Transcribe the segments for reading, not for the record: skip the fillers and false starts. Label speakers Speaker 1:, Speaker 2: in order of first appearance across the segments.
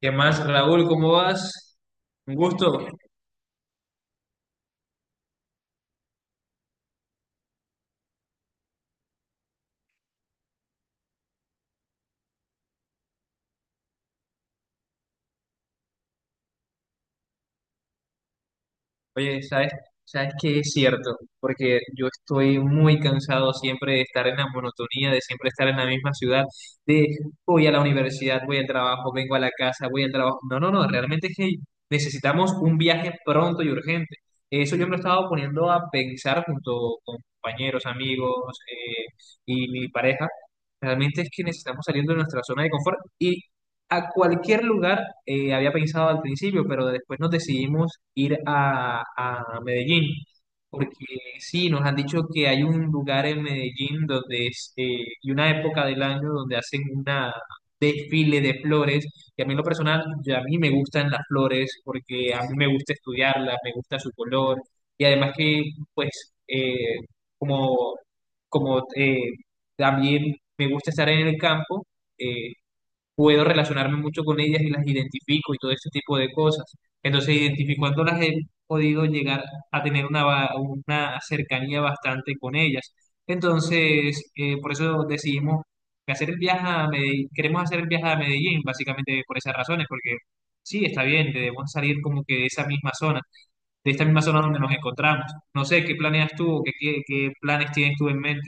Speaker 1: ¿Qué más, Raúl? ¿Cómo vas? Un gusto. Oye, ¿sabes que es cierto? Porque yo estoy muy cansado siempre de estar en la monotonía, de siempre estar en la misma ciudad, de voy a la universidad, voy al trabajo, vengo a la casa, voy al trabajo. No, no, no, realmente es que necesitamos un viaje pronto y urgente. Eso yo me lo estaba poniendo a pensar junto con compañeros, amigos y mi pareja. Realmente es que necesitamos salir de nuestra zona de confort y a cualquier lugar, había pensado al principio, pero después nos decidimos ir a Medellín, porque sí, nos han dicho que hay un lugar en Medellín donde es, y una época del año donde hacen una desfile de flores, y a mí en lo personal, ya a mí me gustan las flores, porque a mí me gusta estudiarlas, me gusta su color, y además que, pues, como, como también me gusta estar en el campo, eh, puedo relacionarme mucho con ellas y las identifico y todo ese tipo de cosas. Entonces, identificándolas he podido llegar a tener una cercanía bastante con ellas. Entonces, por eso decidimos hacer el viaje a Medellín, queremos hacer el viaje a Medellín, básicamente por esas razones, porque sí, está bien, debemos salir como que de esa misma zona, de esta misma zona donde nos encontramos. No sé, ¿qué planeas tú o qué planes tienes tú en mente?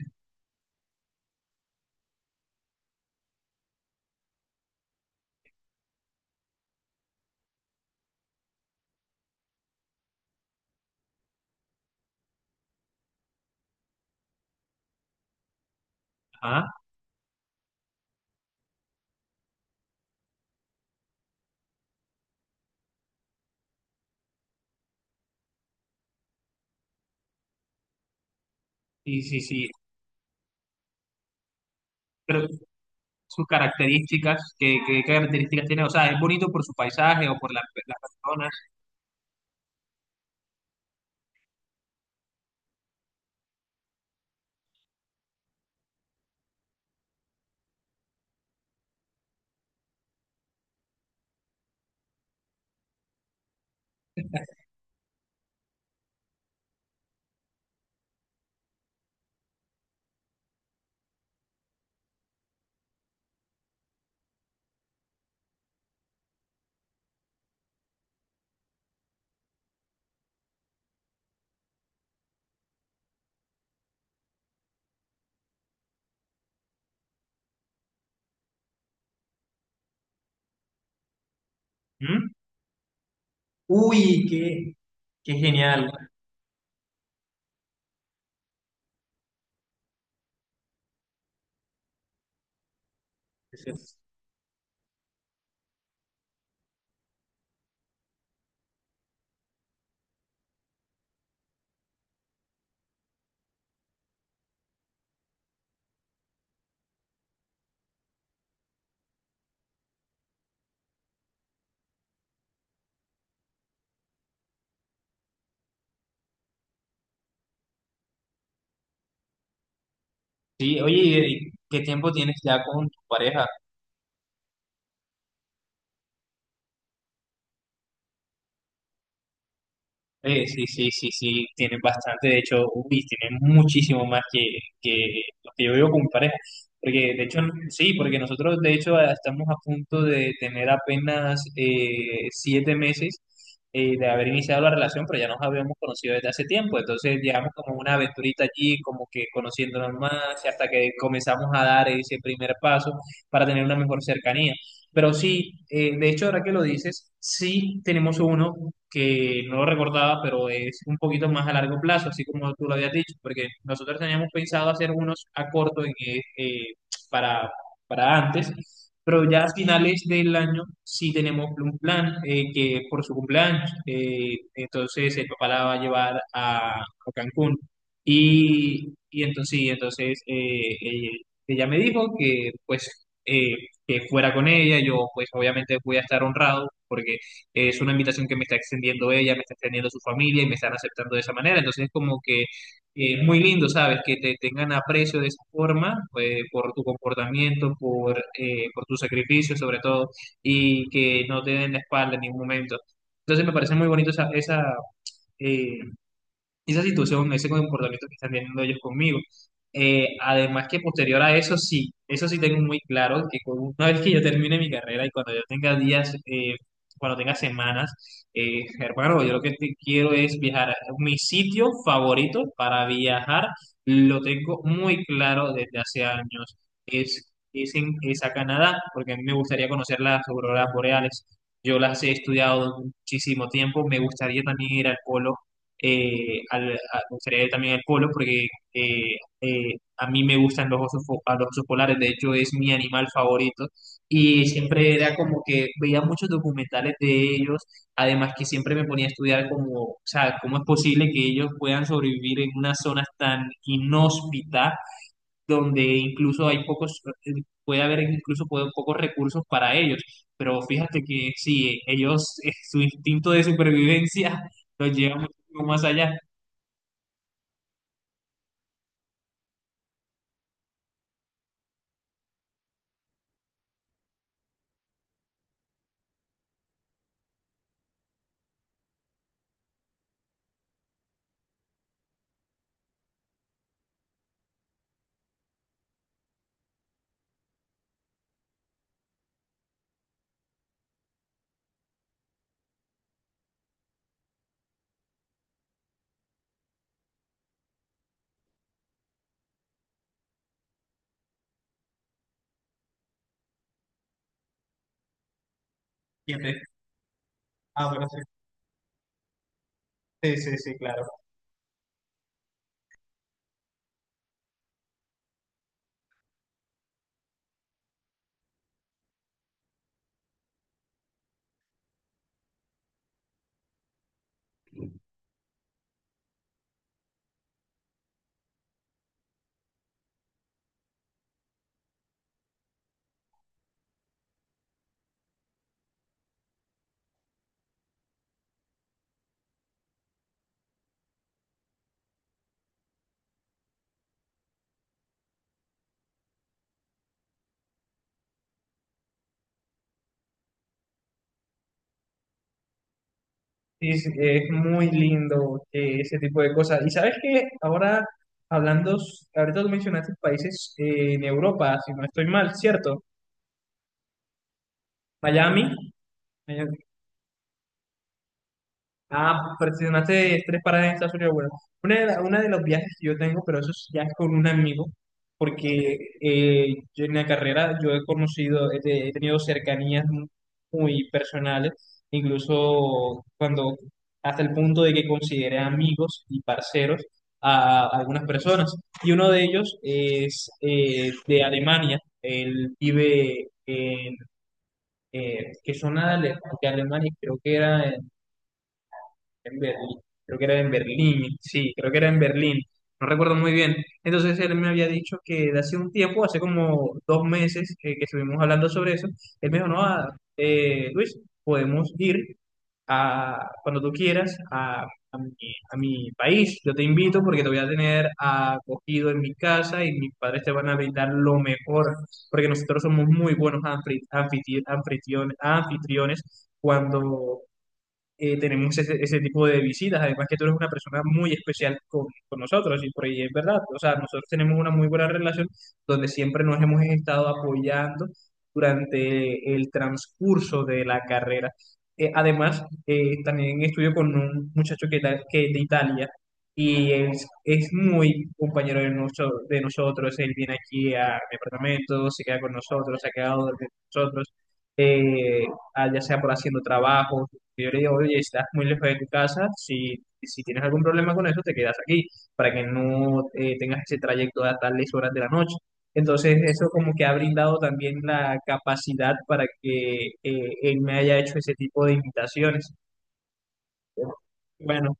Speaker 1: Ajá, sí. Sus características, qué características tiene, o sea, ¿es bonito por su paisaje o por las personas? ¿Mm? Uy, qué, qué genial. Sí, oye, ¿qué tiempo tienes ya con tu pareja? Sí, tienen bastante, de hecho, uy, tienen muchísimo más que lo que yo veo con mi pareja, porque de hecho, sí, porque nosotros de hecho ah, estamos a punto de tener apenas 7 meses de haber iniciado la relación, pero ya nos habíamos conocido desde hace tiempo, entonces llevamos como una aventurita allí, como que conociéndonos más, y hasta que comenzamos a dar ese primer paso para tener una mejor cercanía. Pero sí, de hecho, ahora que lo dices, sí tenemos uno que no lo recordaba, pero es un poquito más a largo plazo, así como tú lo habías dicho, porque nosotros teníamos pensado hacer unos a corto para, para antes, pero ya a finales del año sí tenemos un plan que por su cumpleaños, entonces el papá la va a llevar a Cancún. Y entonces, sí, entonces ella me dijo que pues... que fuera con ella. Yo, pues, obviamente voy a estar honrado porque es una invitación que me está extendiendo ella, me está extendiendo su familia y me están aceptando de esa manera. Entonces, es como que es muy lindo, ¿sabes? Que te tengan aprecio de esa forma, por tu comportamiento, por tu sacrificio, sobre todo, y que no te den la espalda en ningún momento. Entonces, me parece muy bonito eh, esa situación, ese comportamiento que están teniendo ellos conmigo. Además que posterior a eso sí tengo muy claro que una vez que yo termine mi carrera y cuando yo tenga días, cuando tenga semanas, hermano, yo lo que quiero es viajar. Mi sitio favorito para viajar lo tengo muy claro desde hace años y, sin, es a Canadá, porque a mí me gustaría conocer las auroras boreales. Yo las he estudiado muchísimo tiempo, me gustaría también ir al polo, me gustaría ir también al polo porque a mí me gustan los osos, a los osos polares, de hecho es mi animal favorito y siempre era como que veía muchos documentales de ellos, además que siempre me ponía a estudiar como, o sea, cómo es posible que ellos puedan sobrevivir en unas zonas tan inhóspitas donde incluso hay pocos, puede haber incluso pocos recursos para ellos, pero fíjate que sí, ellos, su instinto de supervivencia los lleva muchísimo más allá. Siempre. Ah, bueno, sí. Sí, sí, sí, claro. Sí, sí, es muy lindo ese tipo de cosas. Y sabes que ahora, ahorita tú mencionaste países en Europa, si no estoy mal, ¿cierto? Miami. Ah, mencionaste tres paradas en Estados Unidos. Bueno, una de los viajes que yo tengo, pero eso es ya con un amigo, porque yo en la carrera yo he conocido, he, te- he tenido cercanías muy personales, incluso cuando, hasta el punto de que consideré amigos y parceros a algunas personas. Y uno de ellos es de Alemania, él vive en, eh, que son ale- de Alemania, creo que era. En Berlín, creo que era en Berlín, no recuerdo muy bien. Entonces él me había dicho que de hace un tiempo, hace como 2 meses que estuvimos hablando sobre eso, él me dijo, no, ah, Luis, podemos ir cuando tú quieras a a mi país, yo te invito porque te voy a tener acogido en mi casa y mis padres te van a brindar lo mejor, porque nosotros somos muy buenos anfitriones cuando tenemos ese tipo de visitas. Además que tú eres una persona muy especial con nosotros y por ahí es verdad. O sea, nosotros tenemos una muy buena relación donde siempre nos hemos estado apoyando durante el transcurso de la carrera. Además, también estudio con un muchacho que es de Italia y es muy compañero de nosotros. Él viene aquí a mi apartamento, se queda con nosotros, se ha quedado con nosotros, eh, ya sea por haciendo trabajo, yo le digo, oye, estás muy lejos de tu casa, si tienes algún problema con eso, te quedas aquí, para que no tengas ese trayecto a tales horas de la noche. Entonces, eso como que ha brindado también la capacidad para que él me haya hecho ese tipo de invitaciones. Bueno,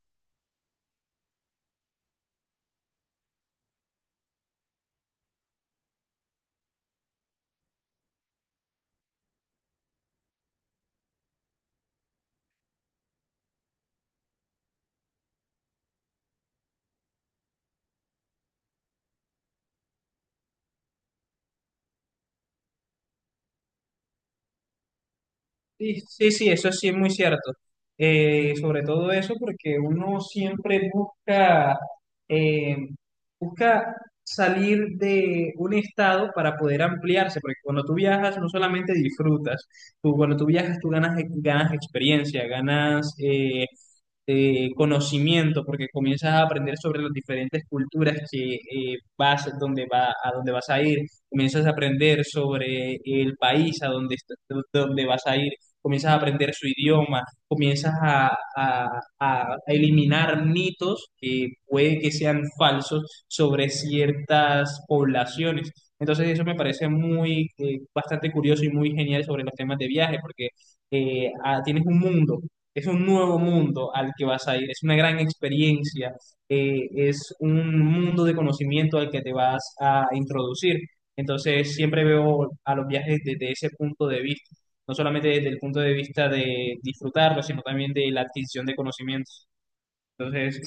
Speaker 1: sí, sí, sí, eso sí es muy cierto. Sobre todo eso porque uno siempre busca, eh, busca salir de un estado para poder ampliarse, porque cuando tú viajas no solamente disfrutas, tú, cuando tú viajas tú ganas, ganas experiencia, ganas, de conocimiento, porque comienzas a aprender sobre las diferentes culturas que vas, donde va, a donde vas a ir, comienzas a aprender sobre el país a donde vas a ir, comienzas a aprender su idioma, comienzas a, a- a eliminar mitos que puede que sean falsos sobre ciertas poblaciones. Entonces eso me parece muy, bastante curioso y muy genial sobre los temas de viaje, porque tienes un mundo es un nuevo mundo al que vas a ir, es una gran experiencia, es un mundo de conocimiento al que te vas a introducir. Entonces, siempre veo a los viajes desde ese punto de vista, no solamente desde el punto de vista de disfrutarlo, sino también de la adquisición de conocimientos. Entonces,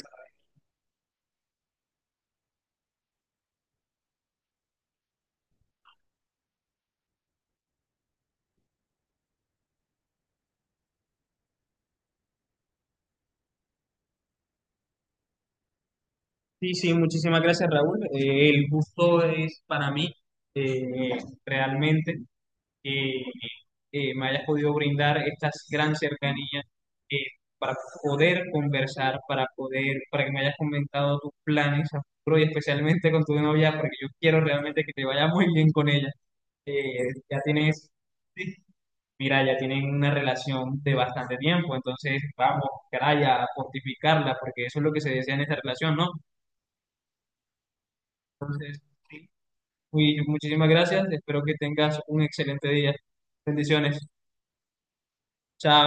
Speaker 1: sí, sí, muchísimas gracias, Raúl. El gusto es para mí, eh, realmente. eh, Me hayas podido brindar esta gran cercanía eh, para poder conversar, para poder, para que me hayas comentado tus planes a futuro y especialmente con tu novia, porque yo quiero realmente que te vaya muy bien con ella. Eh, ya tienes, sí, mira, ya tienen una relación de bastante tiempo, entonces vamos, caray, a fortificarla, porque eso es lo que se desea en esta relación, ¿no? Muy- muchísimas gracias, espero que tengas un excelente día. Bendiciones, chao.